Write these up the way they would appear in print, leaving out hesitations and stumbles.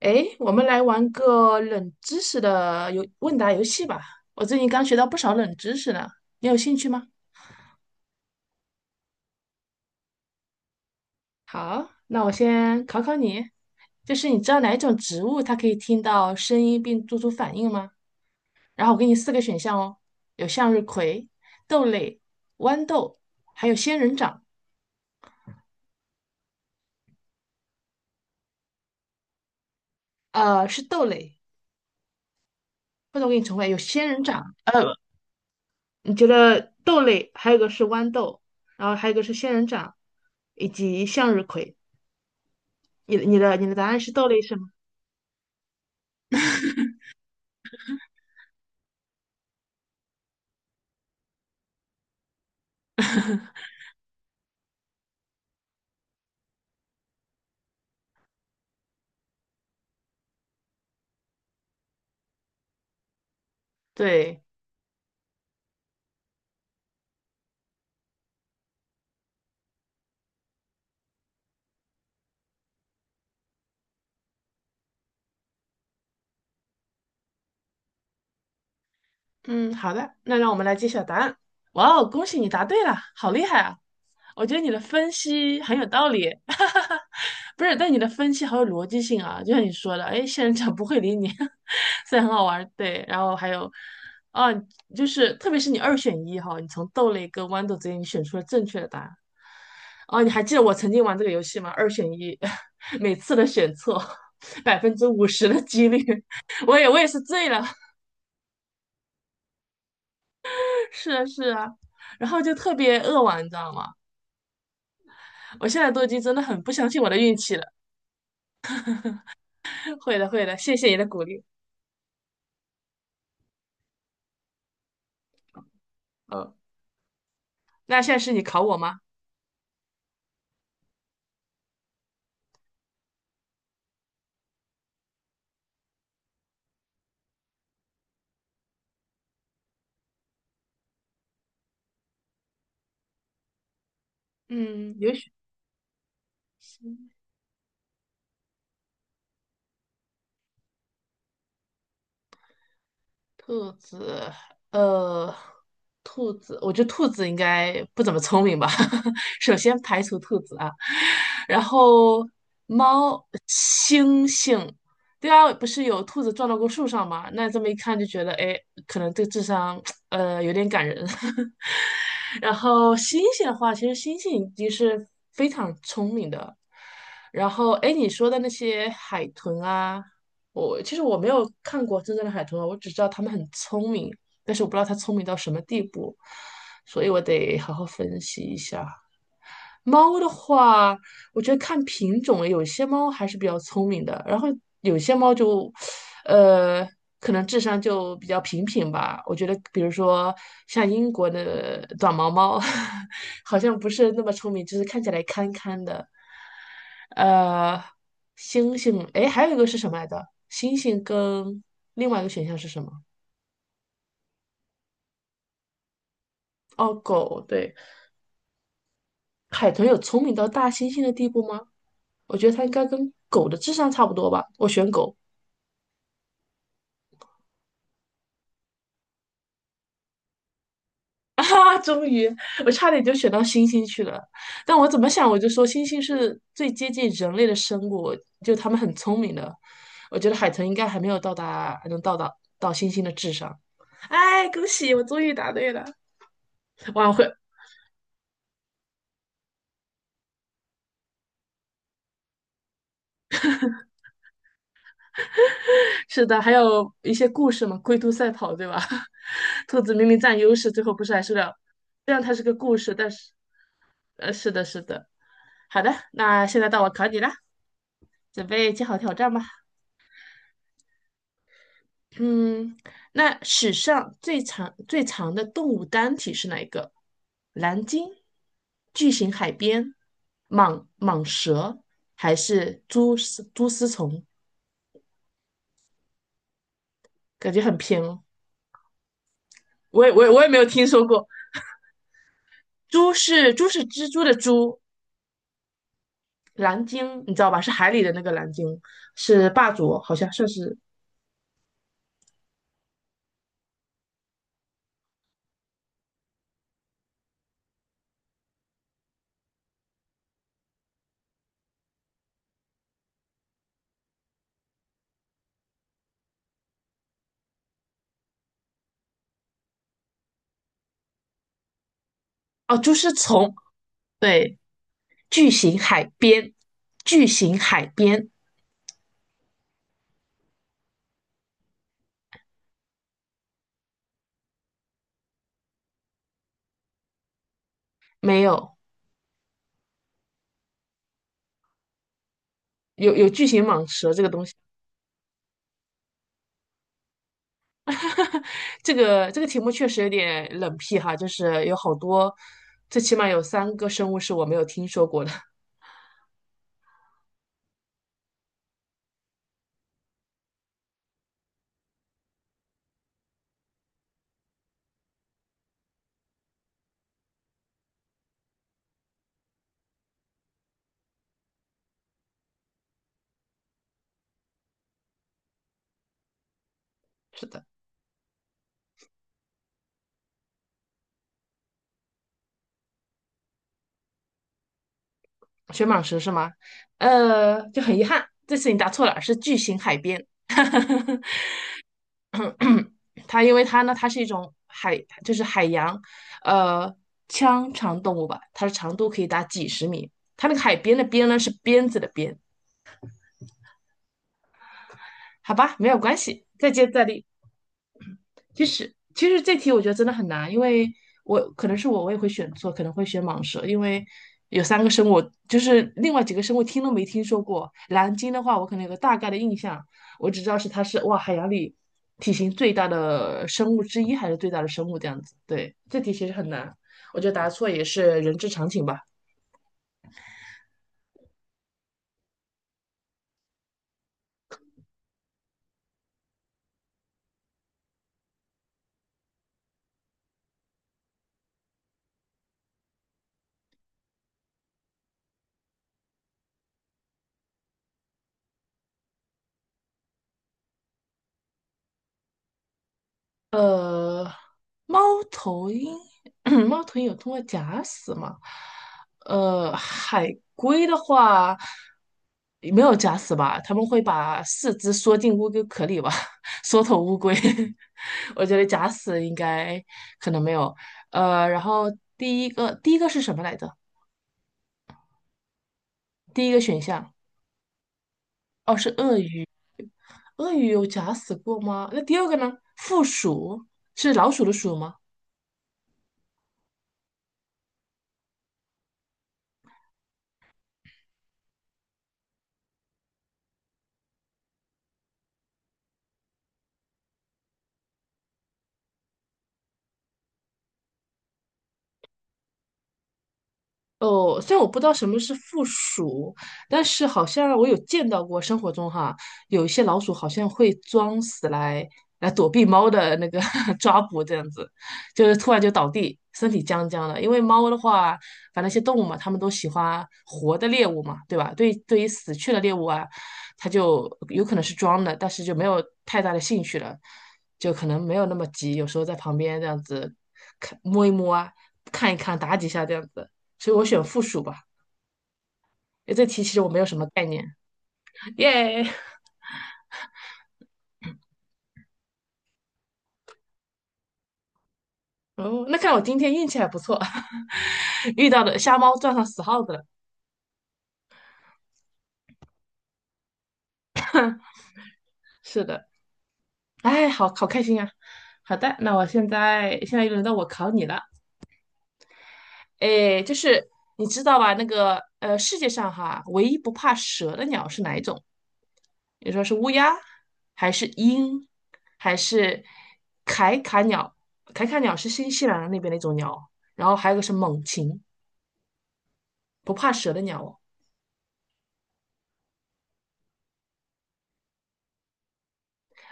诶，我们来玩个冷知识的游问答游戏吧。我最近刚学到不少冷知识呢，你有兴趣吗？好，那我先考考你，就是你知道哪一种植物它可以听到声音并做出反应吗？然后我给你四个选项哦，有向日葵、豆类、豌豆，还有仙人掌。是豆类，或者我给你重复一下有仙人掌。你觉得豆类，还有一个是豌豆，然后还有一个是仙人掌，以及向日葵。你的答案是豆类是吗？对。嗯，好的，那让我们来揭晓答案。哇哦，恭喜你答对了，好厉害啊！我觉得你的分析很有道理，哈哈哈。不是，但你的分析好有逻辑性啊，就像你说的，哎，仙人掌不会理你，虽然很好玩儿，对。然后还有，啊，就是特别是你二选一哈，你从豆类跟豌豆之间你选出了正确的答案。哦，你还记得我曾经玩这个游戏吗？二选一，每次都选错百分之五十的几率，我也是醉了，是啊是啊，然后就特别扼腕，你知道吗？我现在都已经真的很不相信我的运气了。会的会的，谢谢你的鼓励。嗯，那现在是你考我吗？嗯，有选兔子，呃，兔子，我觉得兔子应该不怎么聪明吧。首先排除兔子啊，然后猫、猩猩，对啊，不是有兔子撞到过树上吗？那这么一看就觉得，哎，可能这智商，有点感人。然后猩猩的话，其实猩猩已经是非常聪明的。然后，哎，你说的那些海豚啊。我其实没有看过真正的海豚啊，我只知道它们很聪明，但是我不知道它聪明到什么地步，所以我得好好分析一下。猫的话，我觉得看品种了有些猫还是比较聪明的，然后有些猫就，呃，可能智商就比较平平吧。我觉得，比如说像英国的短毛猫，好像不是那么聪明，就是看起来憨憨的。呃，星星，诶，还有一个是什么来着？星星跟另外一个选项是什么？哦，狗，对。海豚有聪明到大猩猩的地步吗？我觉得它应该跟狗的智商差不多吧。我选狗。啊，终于，我差点就选到猩猩去了。但我怎么想，我就说猩猩是最接近人类的生物，就它们很聪明的。我觉得海豚应该还没有到达，还能到达到猩猩的智商。哎，恭喜，我终于答对了！哇，我会是的，还有一些故事嘛，龟兔赛跑，对吧？兔子明明占优势，最后不是还是了。虽然它是个故事，但是，是的，是的。好的，那现在到我考你了，准备接好挑战吧。嗯，那史上最长最长的动物单体是哪一个？蓝鲸、巨型海边、蟒蛇还是蛛丝虫？感觉很偏哦，我也没有听说过。猪是蜘蛛的蛛，蓝鲸你知道吧？是海里的那个蓝鲸，是霸主，好像算是哦。猪是从对巨型海边，巨型海边没有有巨型蟒蛇这个东西。这个题目确实有点冷僻哈，就是有好多，最起码有三个生物是我没有听说过的。是的，雪蟒蛇是吗？就很遗憾，这次你答错了，是巨型海边。它因为它呢，它是一种海，就是海洋，呃，腔肠动物吧，它的长度可以达几十米。它那个海边的边呢是鞭子的鞭，好吧，没有关系，再接再厉。其实这题我觉得真的很难，因为我可能是我我也会选错，可能会选蟒蛇，因为有三个生物，就是另外几个生物听都没听说过。蓝鲸的话，我可能有个大概的印象，我只知道是它是哇海洋里体型最大的生物之一，还是最大的生物这样子。对，这题其实很难，我觉得答错也是人之常情吧。呃，猫头鹰，猫头鹰有通过假死吗？海龟的话也没有假死吧？他们会把四肢缩进乌龟壳里吧？缩头乌龟，我觉得假死应该可能没有。然后第一个是什么来着？第一个选项哦是鳄鱼，鳄鱼有假死过吗？那第二个呢？负鼠是老鼠的鼠吗？哦，虽然我不知道什么是负鼠，但是好像我有见到过生活中哈，有一些老鼠好像会装死来躲避猫的那个 抓捕，这样子，就是突然就倒地，身体僵僵的。因为猫的话，反正一些动物嘛，它们都喜欢活的猎物嘛，对吧？对，对于死去的猎物啊，它就有可能是装的，但是就没有太大的兴趣了，就可能没有那么急，有时候在旁边这样子看摸一摸啊，看一看，打几下这样子。所以我选负数吧。哎，这题其实我没有什么概念，耶！yeah! 哦，那看来我今天运气还不错，遇到的瞎猫撞上死耗子了。是的，哎，好好开心啊！好的，那我现在又轮到我考你了。哎，就是你知道吧？那个世界上哈，唯一不怕蛇的鸟是哪一种？你说是乌鸦，还是鹰，还是凯卡鸟？凯卡鸟是新西兰那边的一种鸟，然后还有个是猛禽，不怕蛇的鸟哦。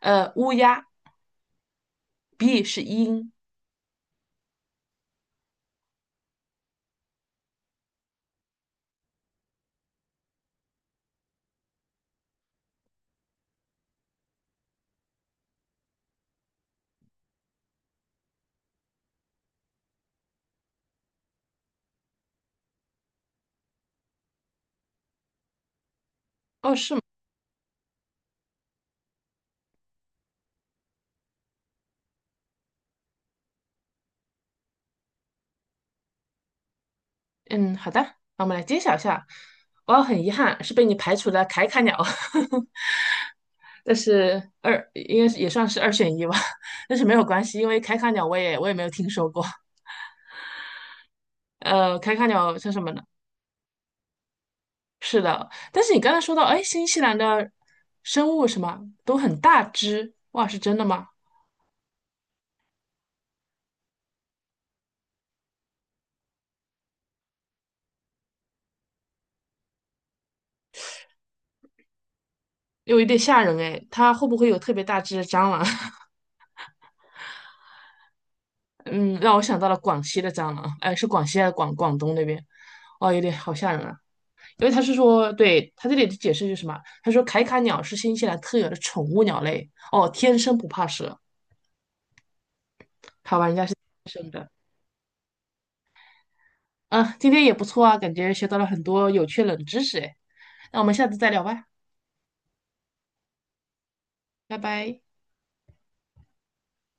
乌鸦，B 是鹰。嗯，好的，那我们来揭晓一下。哇，很遗憾是被你排除了凯卡鸟，但是二应该是也算是二选一吧，但是没有关系，因为凯卡鸟我也没有听说过。凯卡鸟是什么呢？是的，但是你刚才说到，哎，新西兰的生物什么都很大只，哇，是真的吗？有一点吓人哎，它会不会有特别大只的蟑螂？嗯，让我想到了广西的蟑螂，哎，是广西还是广广东那边？哇，有点好吓人啊。因为他是说，对，他这里的解释是什么？他说凯卡鸟是新西兰特有的宠物鸟类，哦，天生不怕蛇。好吧，人家是，嗯，今天也不错啊，感觉学到了很多有趣冷知识哎。那我们下次再聊吧，拜拜。